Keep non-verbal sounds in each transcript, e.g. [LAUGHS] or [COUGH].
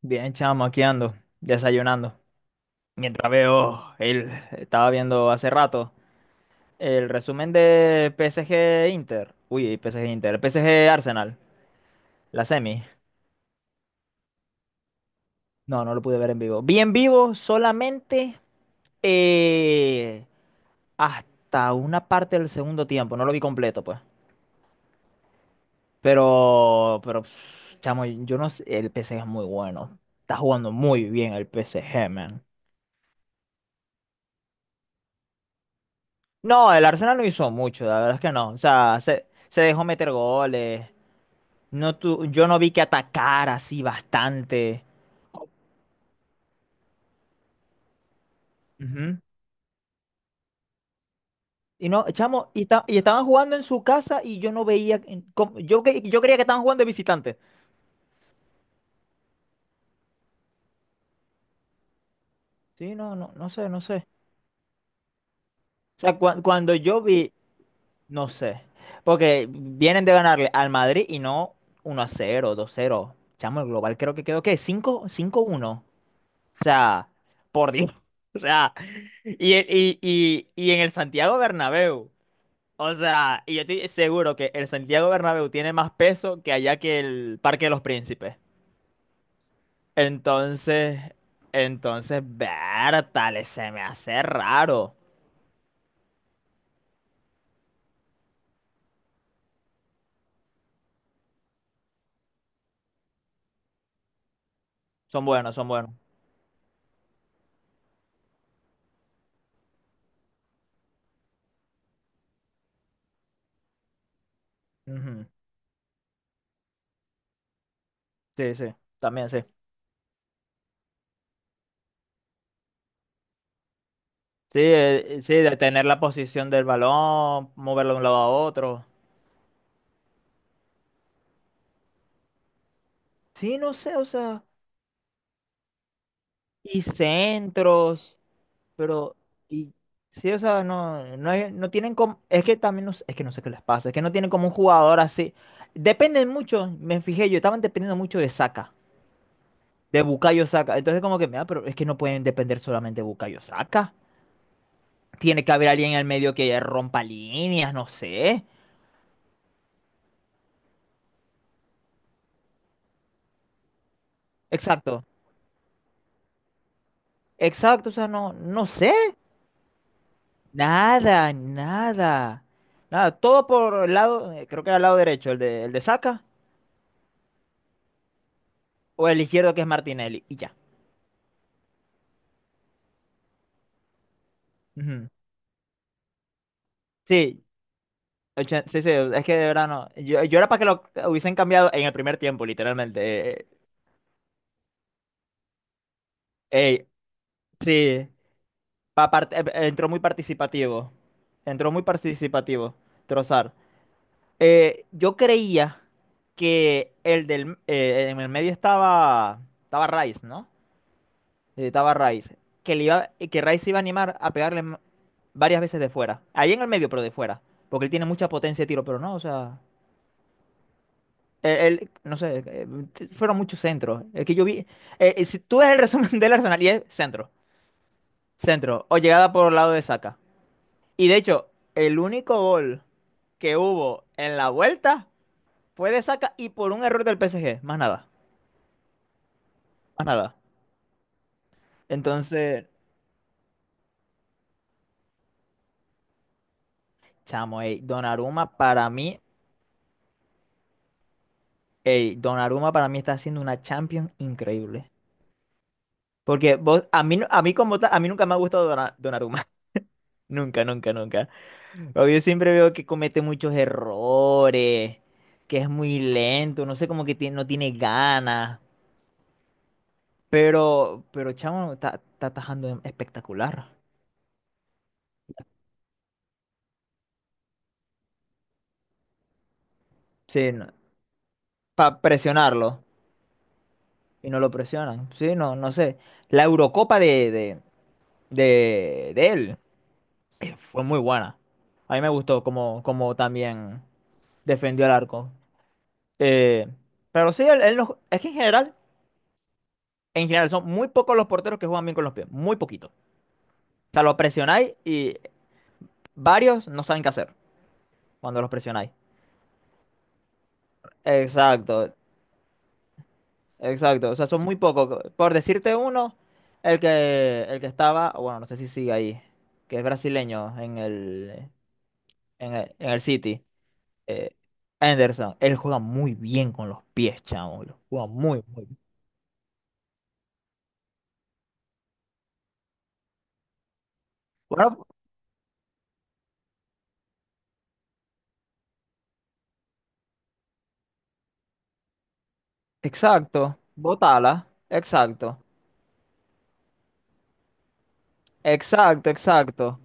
Bien, chamo, aquí ando, desayunando. Mientras veo, estaba viendo hace rato el resumen de PSG Inter. Uy, PSG Inter, PSG Arsenal, la semi. No, no lo pude ver en vivo. Vi en vivo solamente eh, hasta una parte del segundo tiempo, no lo vi completo, pues. Pero, chamo, yo no sé, el PSG es muy bueno. Está jugando muy bien el PSG, man. No, el Arsenal no hizo mucho, la verdad es que no. O sea, se dejó meter goles. Yo no vi que atacara así bastante. Ujú. Y no, chamo, y estaban jugando en su casa y yo no veía. Yo creía que estaban jugando de visitante. Sí, no, no, no sé, no sé. O sea, cuando yo vi, no sé. Porque vienen de ganarle al Madrid y no uno a cero, dos cero, chamo, el global creo que quedó, ¿qué? Cinco, 5-1. O sea, por Dios. [LAUGHS] O sea, y en el Santiago Bernabéu. O sea, y yo estoy seguro que el Santiago Bernabéu tiene más peso que allá que el Parque de los Príncipes. Entonces, entonces, Bertales, se me hace raro. Son buenos, son buenos. Ujú. Sí, sí, también sí. Sí, sí, de tener la posición del balón, moverlo de un lado a otro. Sí, no sé, o sea, y centros. Pero, y sí, o sea, no, no, no tienen como, es que también no, es que no sé qué les pasa, es que no tienen como un jugador así. Dependen mucho, me fijé, yo estaban dependiendo mucho de Saka, de Bukayo Saka. Entonces como que, mira, pero es que no pueden depender solamente de Bukayo Saka. Tiene que haber alguien en el medio que rompa líneas, no sé. Exacto, exacto, o sea, no, no sé. Nada, nada. Nada, todo por el lado, creo que era el lado derecho, el de Saka, o el izquierdo que es Martinelli, y ya. Ujú. Sí, sí, sí, es que de verdad no. Yo era para que lo hubiesen cambiado en el primer tiempo, literalmente. Ey, sí, entró muy participativo. Entró muy participativo, Trozar. Yo creía que en el medio estaba Rice, ¿no? Estaba Rice. Que Rice se iba a animar a pegarle varias veces de fuera. Ahí en el medio, pero de fuera. Porque él tiene mucha potencia de tiro, pero no, o sea. Él, no sé, fueron muchos centros. Es que yo vi, si tú ves el resumen [LAUGHS] del Arsenal y es centro, centro, o llegada por el lado de Saka. Y de hecho, el único gol que hubo en la vuelta fue de Saka y por un error del PSG, más nada, más nada. Entonces, chamo, ey, Donnarumma para mí está haciendo una Champions increíble. Porque vos, a mí, a mí como tal, a mí nunca me ha gustado Donnarumma. [LAUGHS] Nunca, nunca, nunca. Pero yo siempre veo que comete muchos errores, que es muy lento, no sé, como que no tiene ganas. Pero chamo está atajando espectacular. Sí, no, para presionarlo. Y no lo presionan. Sí, no, no sé. La Eurocopa de él fue muy buena. A mí me gustó como también defendió el arco. Eh, pero sí, él no- es que en general son muy pocos los porteros que juegan bien con los pies. Muy poquitos. O sea, lo presionáis y varios no saben qué hacer cuando los presionáis. Exacto, exacto. O sea, son muy pocos. Por decirte uno, el que estaba, bueno, no sé si sigue ahí, que es brasileño en el City, eh, Anderson. Él juega muy bien con los pies, chamo. Lo Juega muy, muy bien. Bueno, exacto. Botala. Exacto. Exacto, exacto.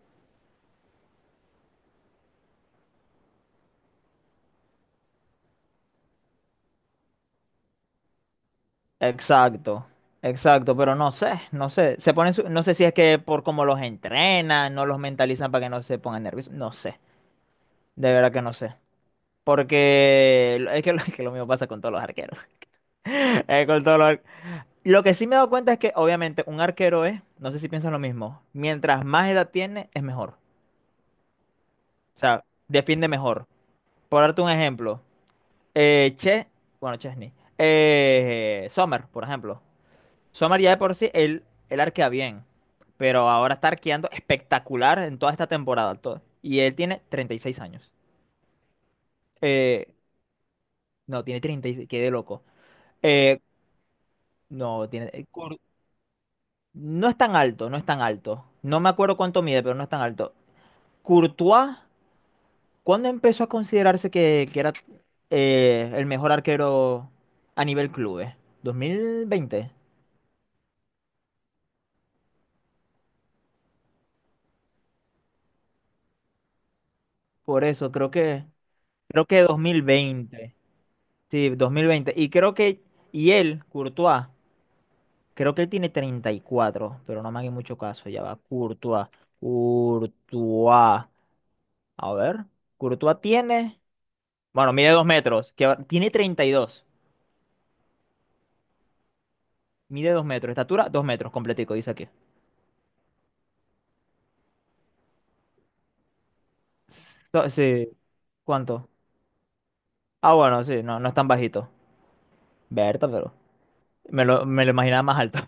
Exacto, exacto, pero no sé, no sé, se ponen, no sé si es que por cómo los entrenan, no los mentalizan para que no se pongan nerviosos, no sé, de verdad que no sé, porque es que, lo [LAUGHS] es que lo mismo pasa con todos los arqueros, [LAUGHS] con todos los ar-. Lo que sí me he dado cuenta es que obviamente un arquero es, no sé si piensas lo mismo, mientras más edad tiene es mejor, o sea, defiende mejor. Por darte un ejemplo, eh, Che, bueno, Chesney, Sommer, por ejemplo. Somar ya de por sí, él arquea bien, pero ahora está arqueando espectacular en toda esta temporada. Todo. Y él tiene 36 años. Eh, no, tiene 36, quedé loco. Eh, no, tiene, no es tan alto, no es tan alto. No me acuerdo cuánto mide, pero no es tan alto. Courtois, ¿cuándo empezó a considerarse que, era el mejor arquero a nivel clubes? ¿2020? Por eso, creo que 2020. Sí, 2020. Y creo que, y él, Courtois, creo que él tiene 34, pero no me hagan mucho caso, ya va. Courtois, Courtois. A ver, Courtois tiene, bueno, mide 2 metros, tiene 32. Mide 2 metros, estatura 2 metros, completico, dice aquí. Sí, ¿cuánto? Ah, bueno, sí, no, no es tan bajito. Berta, pero me lo imaginaba más alto.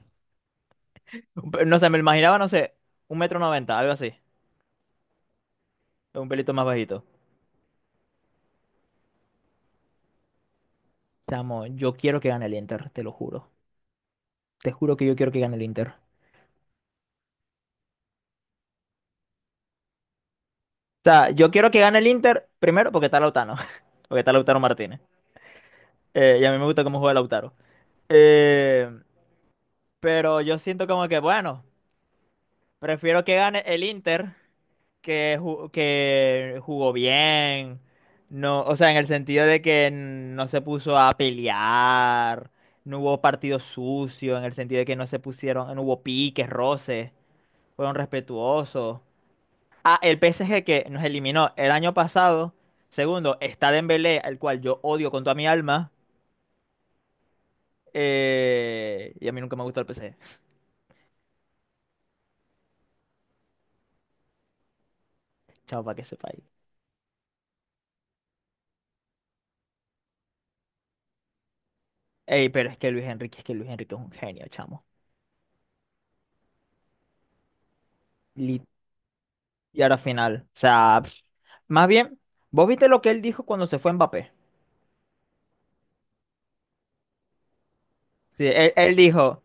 [LAUGHS] No sé, me lo imaginaba, no sé, un metro noventa, algo así, un pelito más bajito. Chamo, yo quiero que gane el Inter, te lo juro. Te juro que yo quiero que gane el Inter. O sea, yo quiero que gane el Inter primero porque está Lautaro. [LAUGHS] Porque está Lautaro Martínez. Y a mí me gusta cómo juega Lautaro. Eh, pero yo siento como que, bueno, prefiero que gane el Inter que jugó bien. No, o sea, en el sentido de que no se puso a pelear. No hubo partido sucio. En el sentido de que no se pusieron, no hubo piques, roces. Fueron respetuosos. Ah, el PSG que nos eliminó el año pasado. Segundo, está Dembélé, al cual yo odio con toda mi alma. Y a mí nunca me gustó el PSG. Chao, para que sepa ahí. Ey, pero es que Luis Enrique, es que Luis Enrique es un genio, chamo. Lit- Y ahora final. O sea, pff, más bien, ¿vos viste lo que él dijo cuando se fue Mbappé? Sí, él dijo.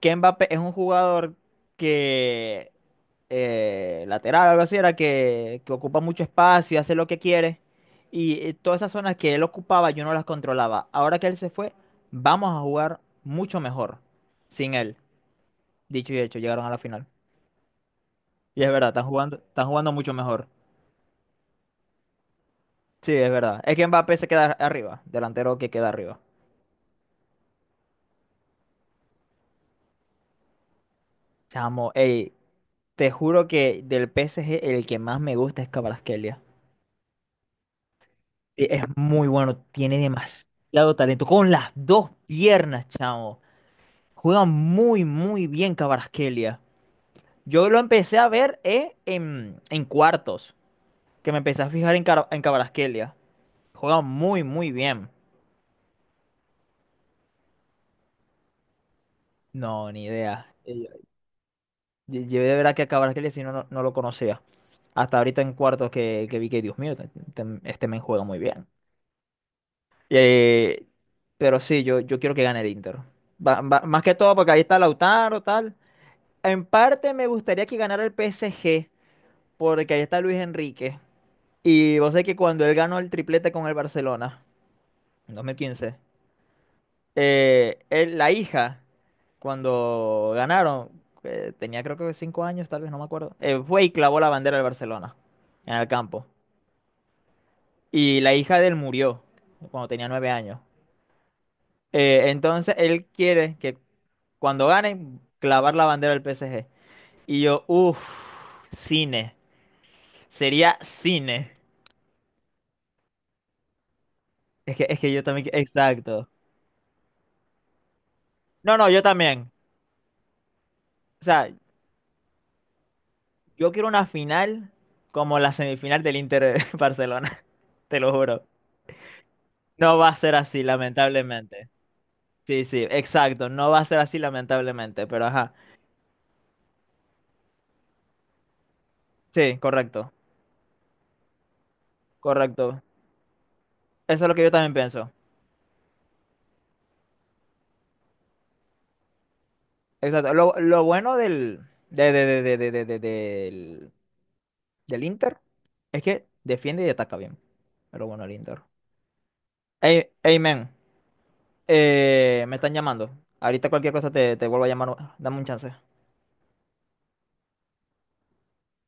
Que Mbappé es un jugador que lateral, algo así, era que ocupa mucho espacio y hace lo que quiere. Y todas esas zonas que él ocupaba yo no las controlaba. Ahora que él se fue, vamos a jugar mucho mejor sin él. Dicho y hecho, llegaron a la final. Y es verdad, están jugando mucho mejor. Sí, es verdad. Es que Mbappé se queda arriba, delantero que queda arriba. Chamo, ey, te juro que del PSG el que más me gusta es Kvaratskhelia. Es muy bueno, tiene demasiado talento. Con las dos piernas, chamo. Juega muy, muy bien Cabarasquelia. Yo lo empecé a ver en cuartos, que me empecé a fijar en Kvaratskhelia. Juega muy, muy bien. No, ni idea. Yo de verdad que a Cabarasquelia si no, no, no lo conocía. Hasta ahorita en cuartos que vi que, Dios mío, este men juega muy bien. Eh, pero sí, yo quiero que gane el Inter. Más que todo porque ahí está Lautaro, tal. En parte me gustaría que ganara el PSG, porque ahí está Luis Enrique. Y vos sabés que cuando él ganó el triplete con el Barcelona, en 2015, la hija, cuando ganaron, tenía creo que 5 años, tal vez, no me acuerdo, fue y clavó la bandera del Barcelona en el campo. Y la hija de él murió cuando tenía 9 años. Entonces él quiere que cuando ganen, clavar la bandera del PSG. Y yo, uff, cine. Sería cine. Es que yo también, exacto. No, no, yo también. O sea, yo quiero una final como la semifinal del Inter [LAUGHS] Barcelona, te lo juro. No va a ser así, lamentablemente. Sí, sí, exacto. No va a ser así, lamentablemente, pero ajá. Sí, correcto, correcto. Eso es lo que yo también pienso. Exacto. Lo bueno del, de- del Inter es que defiende y ataca bien. Es lo bueno del Inter. Amen. Me están llamando. Ahorita cualquier cosa te vuelvo a llamar. Dame un chance.